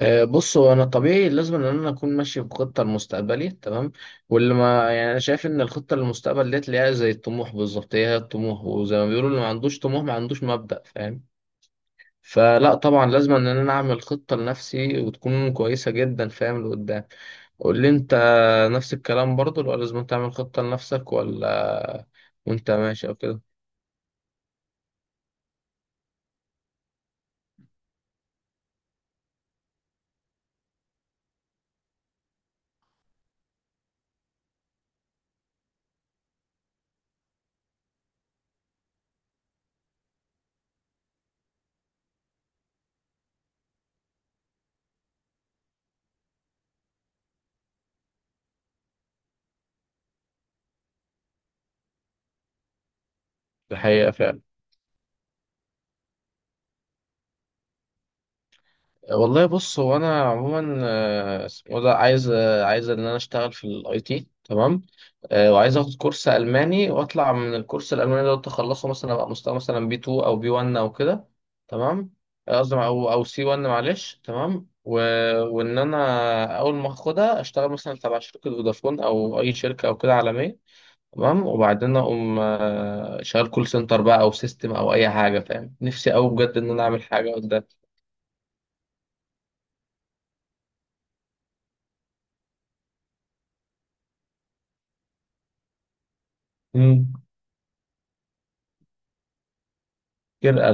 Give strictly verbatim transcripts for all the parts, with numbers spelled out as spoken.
آه، بص، هو انا طبيعي لازم ان انا اكون ماشي بخطه لمستقبلي. تمام. واللي ما يعني، انا شايف ان الخطه للمستقبل ديت اللي هي زي الطموح بالظبط، هي هي الطموح. وزي ما بيقولوا، اللي ما عندوش طموح ما عندوش مبدأ، فاهم. فلا طبعا لازم ان انا اعمل خطه لنفسي وتكون كويسه جدا، فاهم، لقدام. قول لي انت. نفس الكلام برضو، ولا لازم تعمل خطه لنفسك، ولا وانت ماشي او كده؟ الحقيقه فعلا. والله، بص، هو انا عموما آه، اسمه ده، عايز آه، عايز ان انا اشتغل في الاي تي. تمام. آه، وعايز اخد كورس الماني واطلع من الكورس الالماني ده، اخلصه مثلا ابقى مستوى مثلا بي اتنين او بي واحد او كده. تمام. آه، قصدي او او سي واحد، معلش. تمام و... وان انا اول ما اخدها اشتغل مثلا تبع شركه فودافون او اي شركه او كده عالميه. تمام. وبعدين اقوم آه، شغال كول سنتر بقى، او سيستم، او اي حاجه، فاهم. نفسي قوي بجد ان انا اعمل حاجه قدام. مم. كده.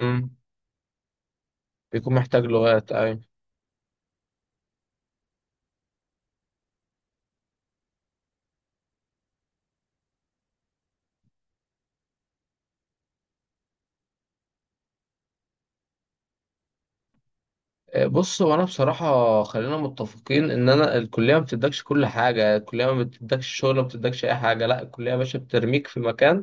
مم. بيكون محتاج لغات، أيوة. آه، بص، هو أنا بصراحة، خلينا متفقين إن أنا الكلية ما بتدكش كل حاجة، الكلية ما بتدكش شغل، ما بتدكش أي حاجة. لا، الكلية يا باشا بترميك في مكان.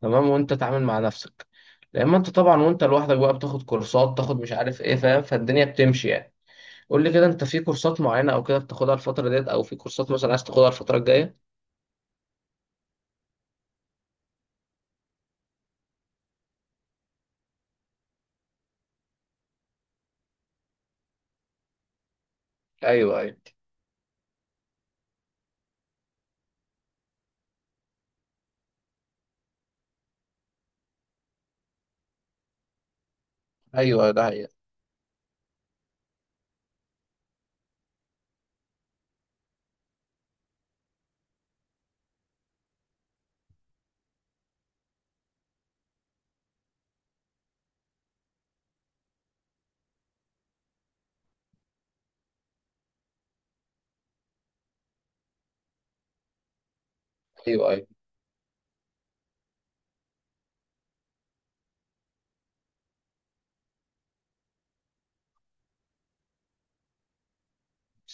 تمام. وأنت تتعامل مع نفسك. لأما أنت طبعا وأنت لوحدك بقى بتاخد كورسات، تاخد مش عارف إيه، فاهم، فالدنيا بتمشي يعني. قول لي كده، أنت في كورسات معينة أو كده بتاخدها الفترة ديت، أو في كورسات مثلا عايز تاخدها الفترة الجاية؟ أيوة، أيوة. أيوة، ده هي. أيوة، أيوة.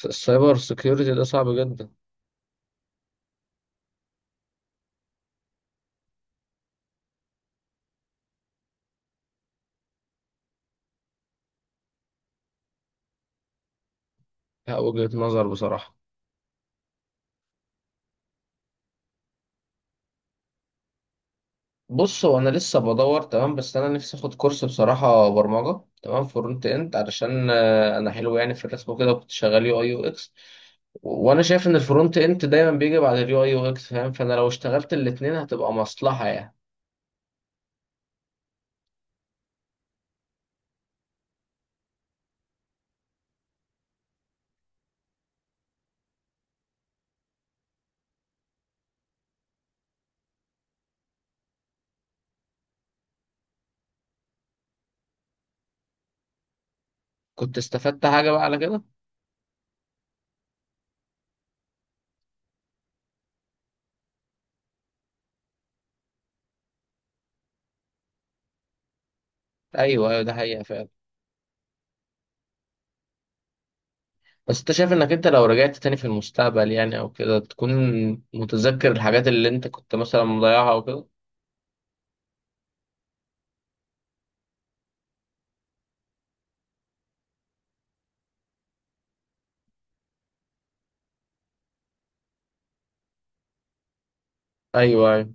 السايبر سيكيورتي ده صعب جدا. لا، وجهة نظر بصراحة. بص، هو انا لسه بدور، تمام، بس انا نفسي اخد كورس بصراحه برمجه، تمام، فرونت اند، علشان آه، انا حلو يعني في الرسم وكده، كنت شغال يو اي يو اكس. وانا شايف ان الفرونت اند دايما بيجي بعد اليو اي يو اكس، فاهم، فانا لو اشتغلت الاتنين هتبقى مصلحه يعني. كنت استفدت حاجه بقى على كده؟ ايوه، ايوه، ده حقيقه فعلا. بس انت شايف انك انت لو رجعت تاني في المستقبل، يعني او كده، تكون متذكر الحاجات اللي انت كنت مثلا مضيعها او كده؟ ايوه، أيوة.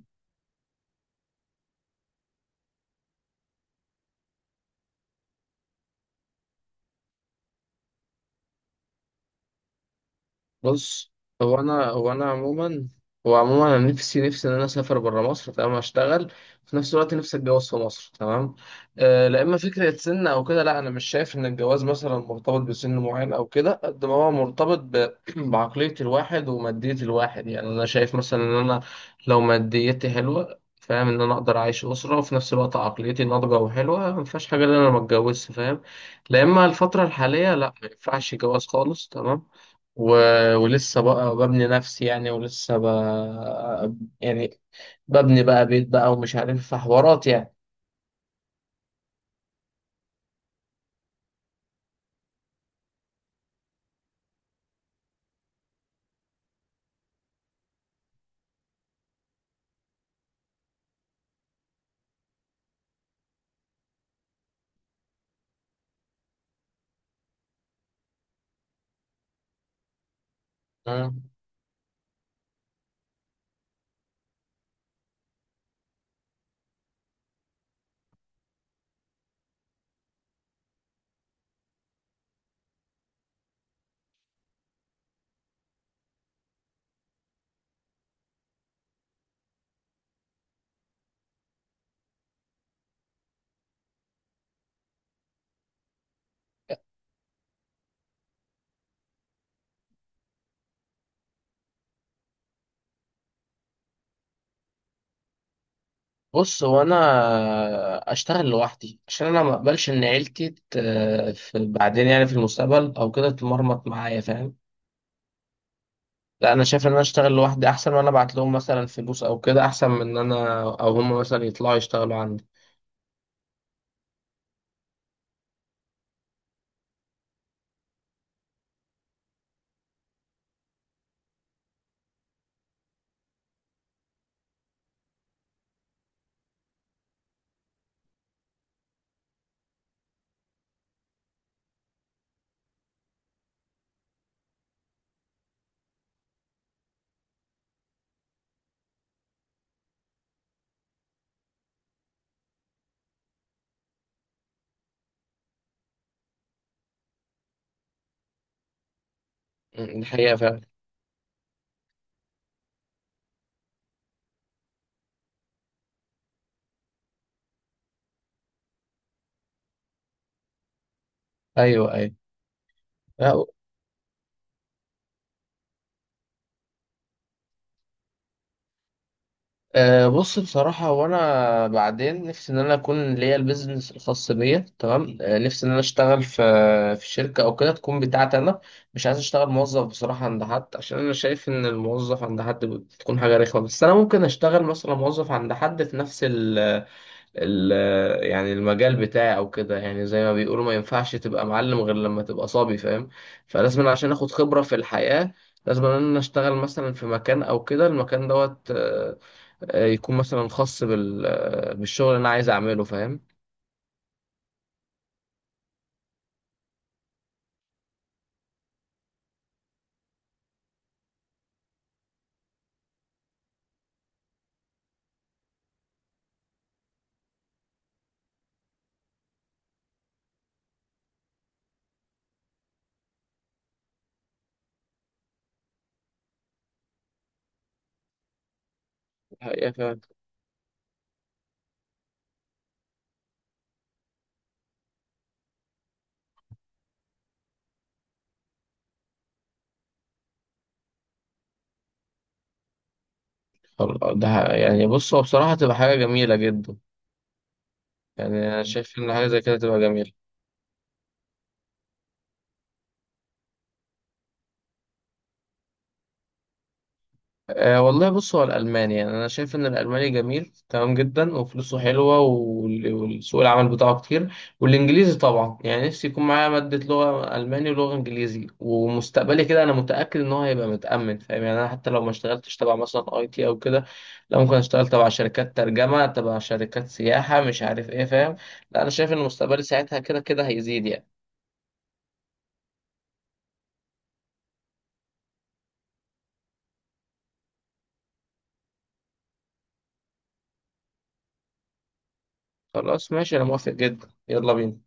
بص، هو انا هو انا عموما هو عموما انا نفسي نفسي ان انا اسافر بره مصر. تمام، اشتغل. في نفس الوقت نفسي اتجوز في مصر. تمام. آه لا، اما فكره سن او كده، لا، انا مش شايف ان الجواز مثلا مرتبط بسن معين، او كده قد ما هو مرتبط ب... بعقليه الواحد وماديه الواحد. يعني انا شايف مثلا ان انا، لو ماديتي حلوه، فاهم، ان انا اقدر اعيش اسره، وفي نفس الوقت عقليتي ناضجه وحلوه، ما فيهاش حاجه ان انا ما اتجوزش، فاهم. لا، اما الفتره الحاليه، لا، ما ينفعش جواز خالص. تمام و... ولسه بقى ببني نفسي، يعني، ولسه ب... يعني، ببني بقى بيت بقى، ومش عارف حوارات يعني. مم. بص، هو انا اشتغل لوحدي عشان انا ما اقبلش ان عيلتي ت... في بعدين، يعني في المستقبل او كده، تمرمط معايا، فاهم. لا، انا شايف ان انا اشتغل لوحدي احسن، وانا ابعت لهم مثلا فلوس او كده، احسن من ان انا او هم مثلا يطلعوا يشتغلوا عندي. مم، الحقيقة فعلا. ايوه، ايوه. لا. أه بص، بصراحة، وأنا بعدين نفسي إن أنا أكون ليا البيزنس الخاص بيا. تمام. أه نفسي إن أنا أشتغل في في شركة أو كده تكون بتاعتي أنا. مش عايز أشتغل موظف بصراحة عند حد، عشان أنا شايف إن الموظف عند حد بتكون حاجة رخمة، بس أنا ممكن أشتغل مثلا موظف عند حد في نفس ال ال يعني المجال بتاعي أو كده. يعني زي ما بيقولوا، ما ينفعش تبقى معلم غير لما تبقى صبي، فاهم. فلازم أنا، عشان آخد خبرة في الحياة، لازم إن أنا أشتغل مثلا في مكان أو كده. المكان دوت آه، يكون مثلا خاص بال... آه، بالشغل اللي انا عايز اعمله، فاهم. الحقيقه فعلا. خل- ده ح- يعني، بص، هو بصراحه تبقى حاجه جميله جدا. يعني انا شايف ان حاجه زي كده تبقى جميله. أه والله، بص، هو الألماني، يعني أنا شايف إن الألماني جميل تمام، جدا وفلوسه حلوة، وال- والسوق العمل بتاعه كتير. والإنجليزي طبعا، يعني نفسي يكون معايا مادة لغة ألماني ولغة إنجليزي، ومستقبلي كده أنا متأكد إن هو هيبقى متأمن، فاهم. يعني أنا حتى لو ما اشتغلتش تبع مثلا أي تي أو كده، لا، ممكن أشتغل تبع شركات ترجمة، تبع شركات سياحة، مش عارف إيه، فاهم. لا، أنا شايف إن مستقبلي ساعتها كده كده هيزيد يعني. خلاص، ماشي، أنا موافق جدا، يلا بينا.